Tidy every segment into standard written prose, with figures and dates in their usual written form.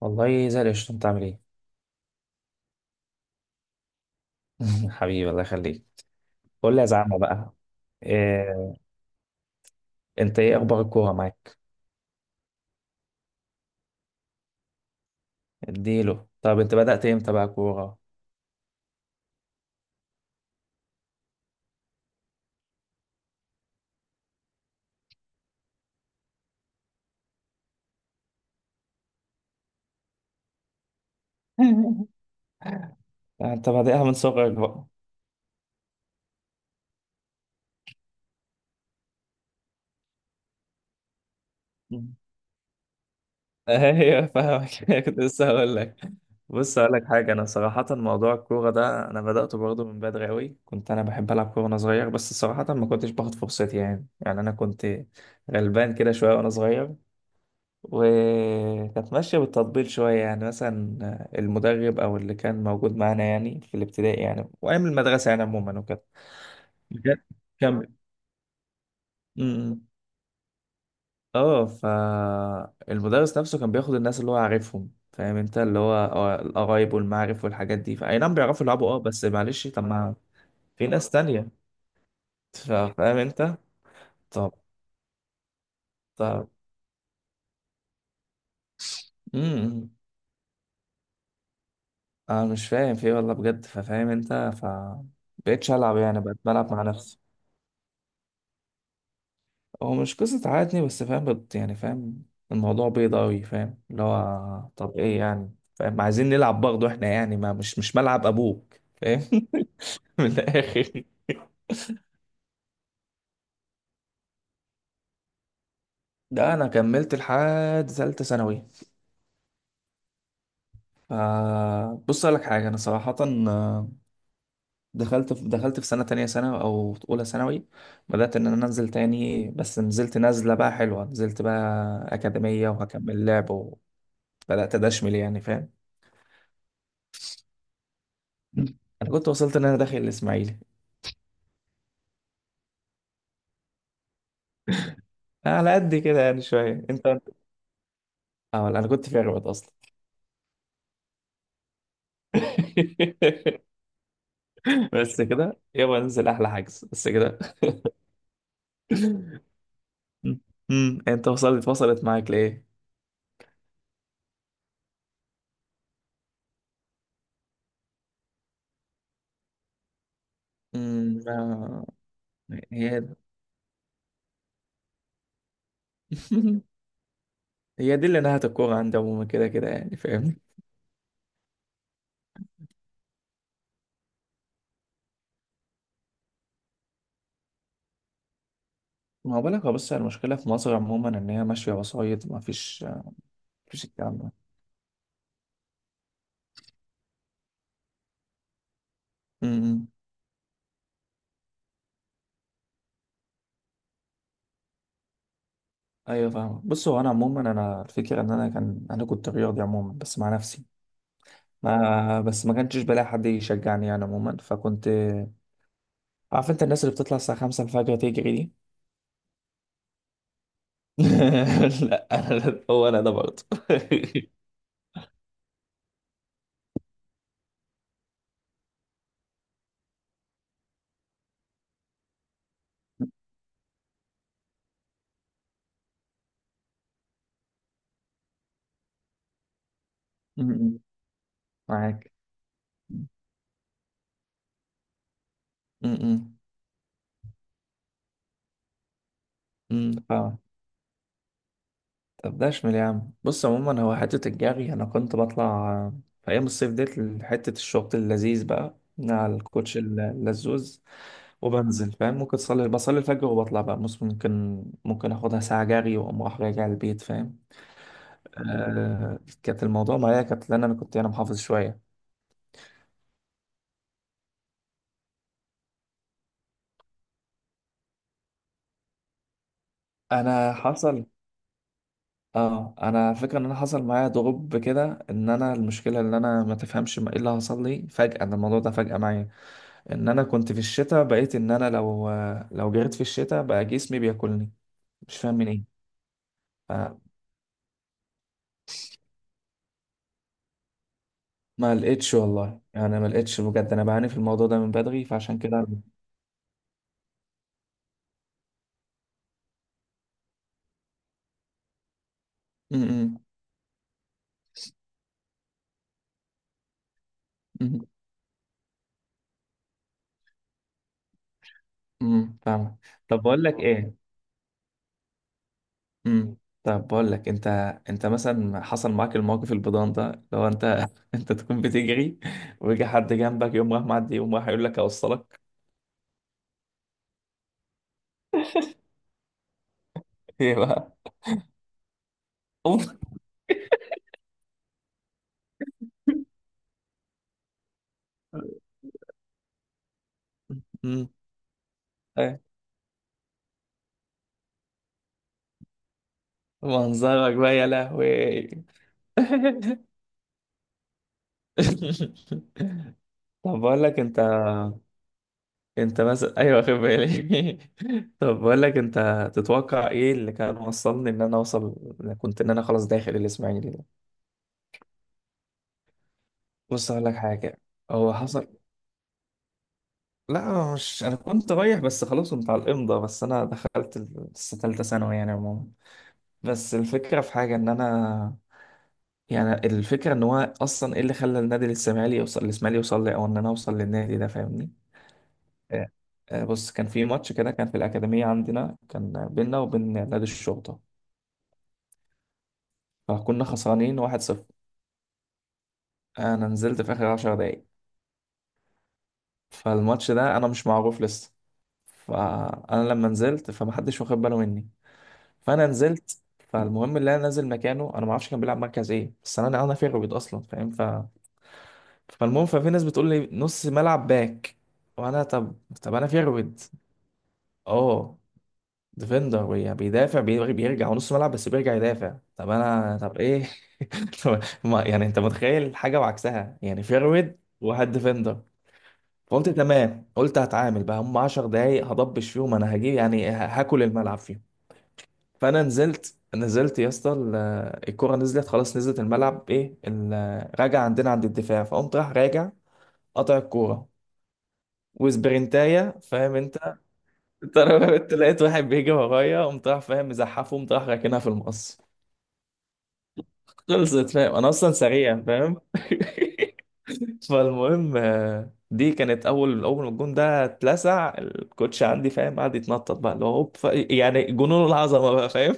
والله زي القشطة، انت عامل ايه؟ حبيبي الله يخليك. قول لي يا زعمة بقى. إيه، انت ايه اخبار الكورة معاك؟ اديله. طب انت بدأت امتى بقى كورة؟ انت بادئها من صغرك بقى. مم. ايوه، فاهمك. كنت لسه هقول لك. بص هقول لك حاجة، انا صراحة موضوع الكورة ده انا بدأته برضه من بدري قوي. كنت انا بحب العب كورة وانا صغير، بس صراحة ما كنتش باخد فرصتي يعني انا كنت غلبان كده شوية وانا صغير، وكانت ماشية بالتطبيل شوية. يعني مثلا المدرب أو اللي كان موجود معانا يعني في الابتدائي، يعني وأيام المدرسة يعني، عموما وكده. بجد. كمل. امم. اه، فالمدرس نفسه كان بياخد الناس اللي هو عارفهم. فاهم انت اللي هو القرايب والمعارف والحاجات دي. فأي نعم بيعرفوا يلعبوا، اه بس معلش. طب، ما في ناس تانية. فاهم انت؟ طب. طب. امم. انا مش فاهم في ايه، والله بجد. ففاهم انت، بقيتش العب يعني، بقيت بلعب مع نفسي. هو مش قصة عادني، بس فاهم يعني فاهم الموضوع بيض أوي. فاهم اللي هو طب إيه يعني؟ فاهم، عايزين نلعب برضه إحنا يعني. ما مش، مش ملعب أبوك فاهم. من الآخر. ده أنا كملت لحد تالتة ثانوي. ف- بص أقول لك حاجة، أنا صراحة آه، دخلت في سنة تانية، سنة أو أولى ثانوي. بدأت إن أنا أنزل تاني، بس نزلت نزلة بقى حلوة. نزلت بقى أكاديمية وهكمل لعب، وبدأت أدشمل يعني، فاهم. أنا كنت وصلت إن أنا داخل الإسماعيلي. على قد كده يعني شوية انت. اه، انا كنت في اغبط اصلا. بس كده، يلا ننزل احلى حجز بس كده. امم. انت وصلت، وصلت معاك ليه. امم. هي. هي دي اللي نهت الكورة عندي عموما، كده كده يعني فاهم. ما هو بالك، هو بص، المشكلة في مصر عموما ان هي ماشية وسايط. ما فيش، ما فيش الكلام ده. امم. ايوه، فاهمة. بص، هو انا عموما، انا الفكرة ان انا كان، انا كنت رياضي عموما بس مع نفسي. ما كنتش بلاقي حد يشجعني يعني عموما. فكنت عارف انت الناس اللي بتطلع الساعة 5 الفجر تجري دي. لا، انا ده برضه. م-م. معاك. م-م. م، م. فاهم. طب ده اشمل يا عم. بص عموما، هو حتة الجري انا كنت بطلع في ايام الصيف ديت، حتة الشورت اللذيذ بقى مع الكوتش اللزوز، وبنزل فاهم. ممكن صلي، بصلي الفجر وبطلع بقى. بص ممكن، ممكن اخدها ساعة جري واقوم رايح راجع البيت فاهم. آه، كانت الموضوع معايا كانت لان انا كنت، انا محافظ شويه. انا حصل، اه انا فكرة ان انا حصل معايا ضغوط كده. ان انا المشكله ان انا ما تفهمش، ايه اللي حصل لي فجاه، ان الموضوع ده فجاه معايا. ان انا كنت في الشتاء، بقيت ان انا لو، لو جريت في الشتاء بقى جسمي بياكلني. مش فاهم من ايه. ف- ما لقيتش والله يعني، ما لقيتش بجد. انا بعاني في الموضوع ده من بدري، فعشان كده م- م- م- فاهمك. طب بقول لك ايه. امم. طب بقول لك، انت، انت مثلا حصل معاك الموقف البيضان ده، لو انت انت تكون بتجري ويجي حد جنبك يقوم راح معدي يقوم راح يقول لك اوصلك. ايه بقى؟ اوف. امم. ايه منظرك بقى يا لهوي. طب بقول لك انت، انت مثلا ايوه، واخد بالي. طب بقول لك، انت تتوقع ايه اللي كان وصلني، ان انا اوصل، كنت ان انا خلاص داخل الاسماعيلي ده. بص اقول لك حاجه، هو حصل، لا مش، انا كنت رايح بس خلاص. كنت على الامضه، بس انا دخلت لسه ثالثه ثانوي يعني عموما. بس الفكره في حاجه ان انا، يعني الفكره ان هو اصلا ايه اللي خلى النادي الاسماعيلي يوصل، الاسماعيلي يوصل لي او ان انا اوصل للنادي ده، فاهمني. إيه. بص كان في ماتش كده، كان في الأكاديمية عندنا، كان بينا وبين نادي الشرطة. فكنا خسرانين 1-0. أنا نزلت في آخر 10 دقايق. فالماتش ده أنا مش معروف لسه. فأنا لما نزلت فمحدش واخد باله مني، فانا نزلت. فالمهم اللي انا نازل مكانه انا ما اعرفش كان بيلعب مركز ايه، بس انا، انا في الرابيض اصلا فاهم. فالمهم ففي ناس بتقول لي نص ملعب باك. وانا طب، طب انا في الرابيض. اه. ديفندر. بيدافع، بيرجع ونص ملعب، بس بيرجع يدافع. طب انا طب ايه؟ طب ما يعني انت متخيل حاجه وعكسها يعني، فيرويد وواحد ديفندر. فقلت تمام، قلت هتعامل بقى، هم 10 دقايق هضبش فيهم، انا هجيب يعني، هاكل الملعب فيهم. فانا نزلت، نزلت يا اسطى، الكرة نزلت خلاص، نزلت الملعب. ايه راجع عندنا عند الدفاع، فقمت راح راجع، قطع الكورة وسبرنتاية فاهم انت. انت لقيت واحد بيجي ورايا، قمت راح فاهم مزحفه، قمت راح راكنها في المقص. خلصت فاهم، انا اصلا سريع فاهم. فالمهم دي كانت اول، اول ما الجون ده اتلسع الكوتش عندي فاهم، قعد يتنطط بقى اللي هو هوب، يعني جنون العظمه بقى فاهم.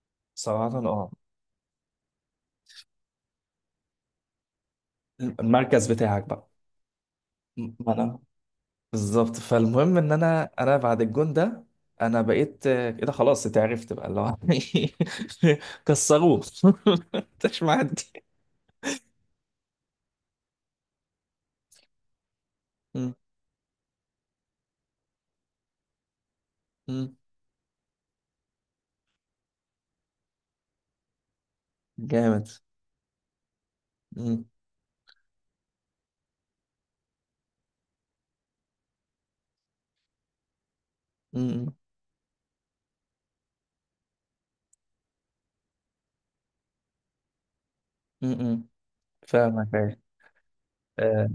صراحه اه. المركز بتاعك بقى. ما انا، بالظبط. فالمهم ان انا بعد الجون ده، انا بقيت كده خلاص اتعرفت بقى اللي هو كسروه. مش معدي. م- م. جامد. م- م- م- م. فاهمك، ايوه. آه،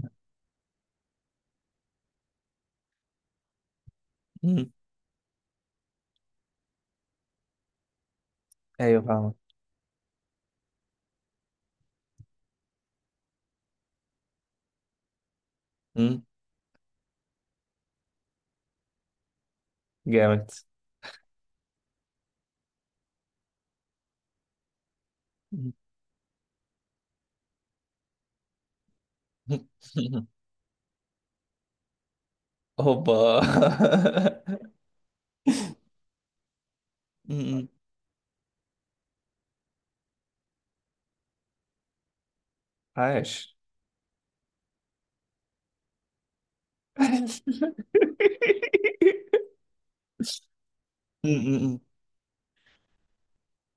م. ايوه فاهمك. م. جامد. م. هوبا. م- م. عاش. م- م- م.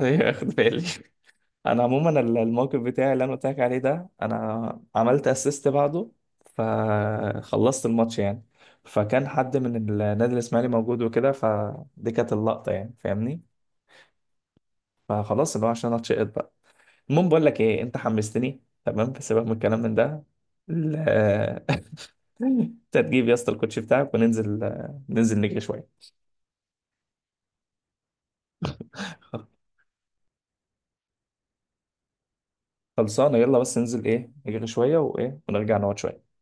ايوه اخد بالي. انا عموما الموقف بتاعي اللي انا قلت لك عليه ده، انا عملت اسيست بعده. فخلصت الماتش يعني. فكان حد من النادي الاسماعيلي موجود وكده، فدي كانت اللقطه يعني فاهمني. فخلاص اللي هو عشان اتشقط بقى. المهم بقول لك ايه، انت حمستني تمام. سيبك من الكلام من ده ال- انت تجيب يا اسطى الكوتشي بتاعك، وننزل، ننزل نجري شويه. خلصانه، يلا بس ننزل ايه، نجري شويه وايه، ونرجع نقعد شويه.